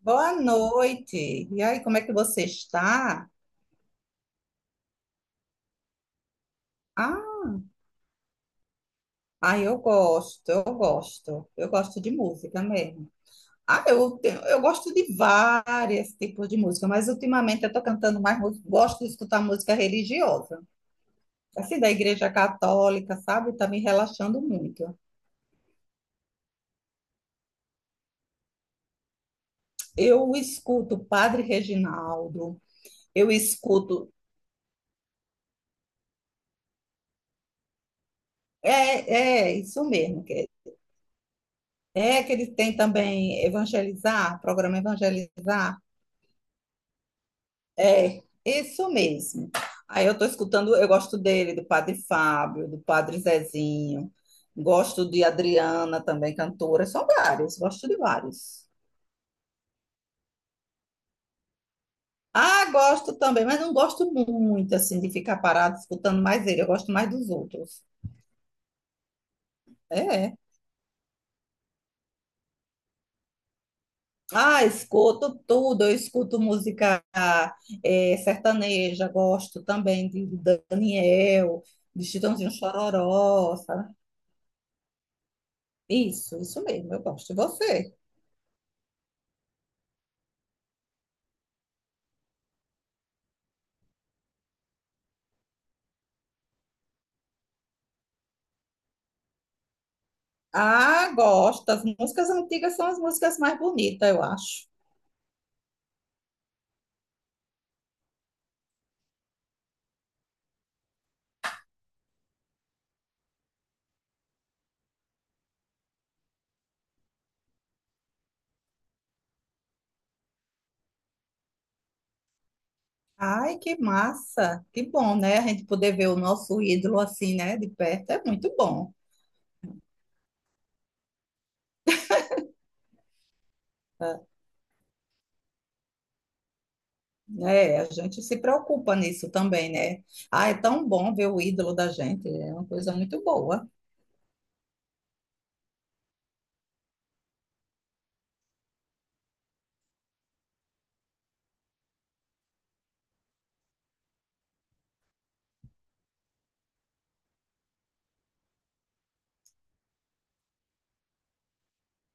Boa noite. E aí, como é que você está? Ah, eu gosto, eu gosto. Eu gosto de música mesmo. Ah, eu gosto de vários tipos de música, mas ultimamente eu estou cantando mais música. Gosto de escutar música religiosa, assim, da Igreja Católica, sabe? Está me relaxando muito. Eu escuto Padre Reginaldo, eu escuto. É, é, isso mesmo. É que ele tem também Evangelizar, programa Evangelizar. É, isso mesmo. Aí eu tô escutando, eu gosto dele, do Padre Fábio, do Padre Zezinho, gosto de Adriana também, cantora, são vários, gosto de vários. Ah, gosto também, mas não gosto muito, assim, de ficar parado escutando mais ele, eu gosto mais dos outros. É. é. Ah, escuto tudo, eu escuto música sertaneja, gosto também de Daniel, de Chitãozinho Chororó, sabe? Isso mesmo, eu gosto. E você? Ah, gosto. As músicas antigas são as músicas mais bonitas, eu acho. Ai, que massa. Que bom, né? A gente poder ver o nosso ídolo assim, né, de perto é muito bom. Tá? Né? A gente se preocupa nisso também, né? Ah, é tão bom ver o ídolo da gente, é uma coisa muito boa.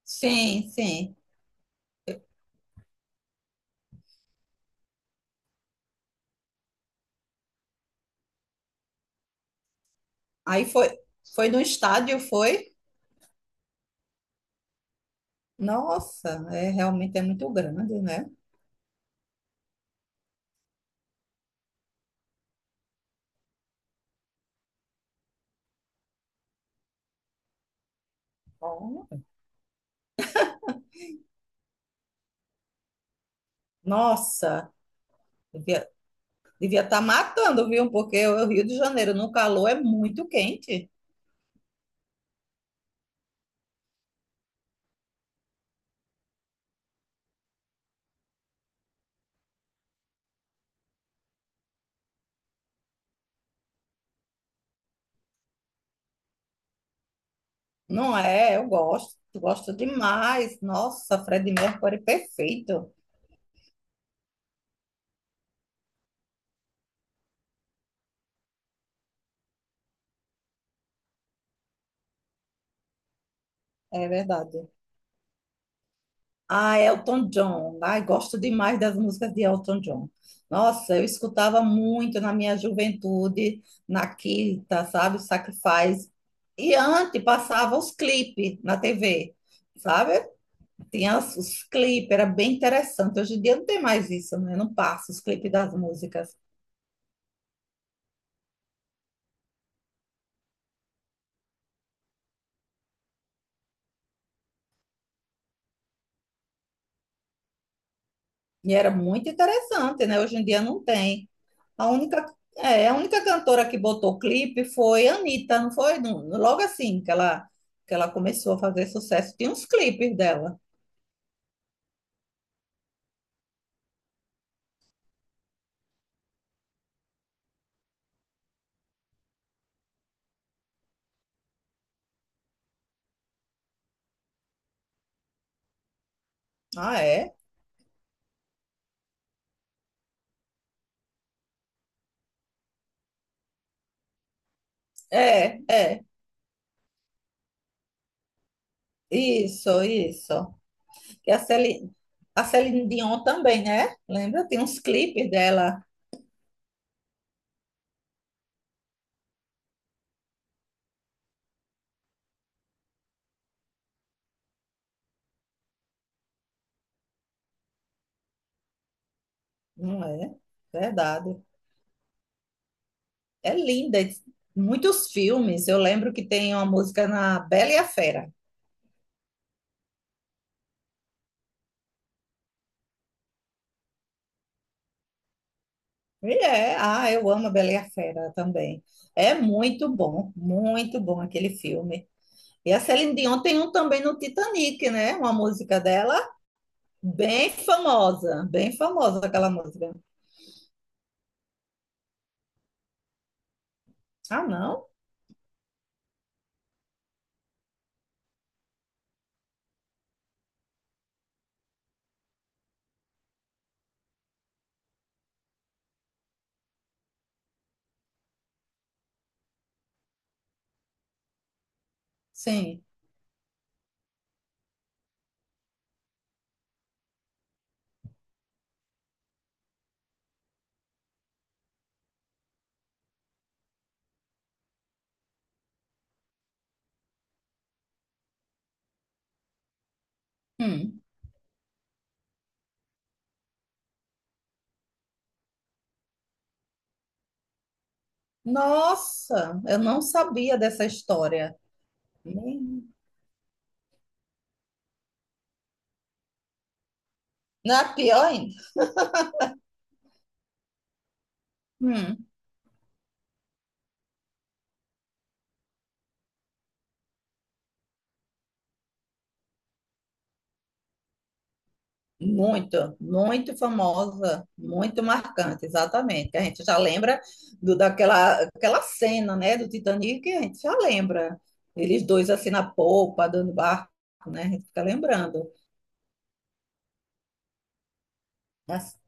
Sim, sim. Aí foi, foi no estádio, foi? Nossa, é realmente é muito grande, né? Ó. Nossa, devia estar matando, viu? Porque o Rio de Janeiro no calor é muito quente. Não é? Eu gosto, gosto demais. Nossa, Freddie Mercury perfeito. É verdade. Ah, Elton John. Ai, gosto demais das músicas de Elton John. Nossa, eu escutava muito na minha juventude, na Quinta, sabe, o Sacrifice. E antes passava os clipes na TV, sabe? Tinha os clipes, era bem interessante. Hoje em dia não tem mais isso, né? Não passa os clipes das músicas. E era muito interessante, né? Hoje em dia não tem. A única, é, a única cantora que botou clipe foi Anitta, não foi? Logo assim que ela começou a fazer sucesso. Tinha uns clipes dela. Ah, é? É, é. Isso, isso. E a Celine, a Celine Dion também, né? Lembra? Tem uns clipes dela. Não é? Verdade. É linda. Muitos filmes. Eu lembro que tem uma música na Bela e a Fera. E é, ah, eu amo a Bela e a Fera também. É muito bom aquele filme. E a Celine Dion tem um também no Titanic, né? Uma música dela bem famosa aquela música. Ah, não? Sim. Hum. Nossa, eu não sabia dessa história. Hum. Não é pior ainda. Hum. Muito, muito famosa, muito marcante, exatamente. Que a gente já lembra daquela aquela cena, né, do Titanic, que a gente já lembra. Eles dois assim na polpa, dando barco, né? A gente fica lembrando. Mas,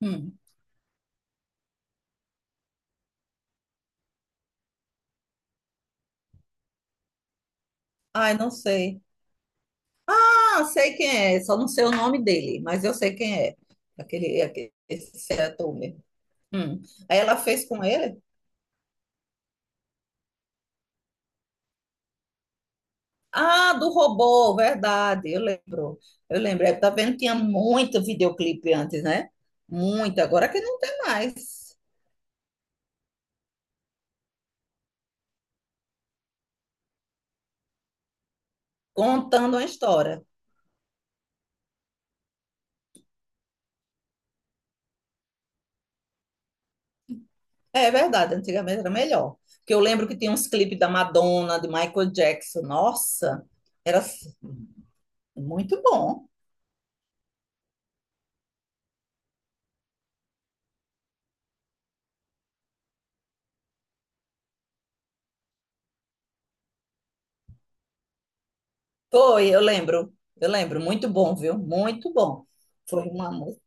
hum, ai, não sei. Ah, sei quem é, só não sei o nome dele, mas eu sei quem é. Aquele, aquele esse ator mesmo. Hum. Aí ela fez com ele. Ah, do robô, verdade, eu lembro. Eu lembro. É, tá vendo? Tinha muito videoclipe antes, né? Muito. Agora que não tem mais. Contando uma história. É verdade, antigamente era melhor. Porque eu lembro que tinha uns clipes da Madonna, de Michael Jackson. Nossa, era s- muito bom. Foi, eu lembro. Eu lembro. Muito bom, viu? Muito bom. Foi uma música.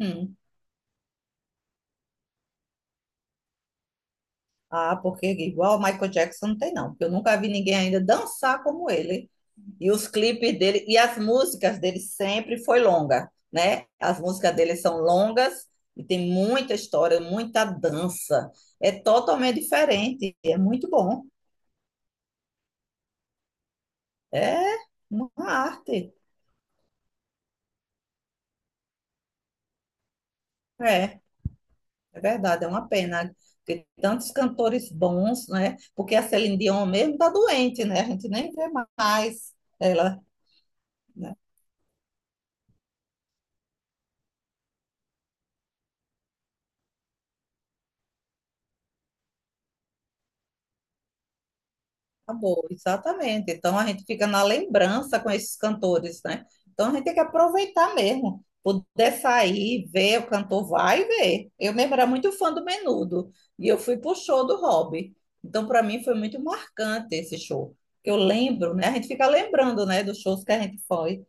Hum. Ah, porque igual Michael Jackson não tem, não. Porque eu nunca vi ninguém ainda dançar como ele. E os clipes dele e as músicas dele sempre foi longa, né? As músicas dele são longas e tem muita história, muita dança. É totalmente diferente, é muito bom. É uma arte. É, é verdade, é uma pena porque tantos cantores bons, né? Porque a Celine Dion mesmo tá doente, né? A gente nem vê mais ela, né? Acabou, exatamente. Então a gente fica na lembrança com esses cantores, né? Então a gente tem que aproveitar mesmo, poder sair, ver o cantor, vai ver. Eu mesmo era muito fã do Menudo e eu fui pro show do Robbie. Então para mim foi muito marcante esse show. Eu lembro, né? A gente fica lembrando, né, dos shows que a gente foi.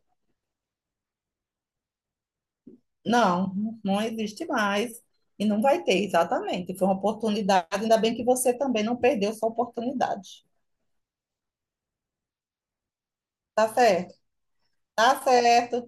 Não, não existe mais e não vai ter, exatamente. Foi uma oportunidade, ainda bem que você também não perdeu sua oportunidade. Tá certo? Tá certo.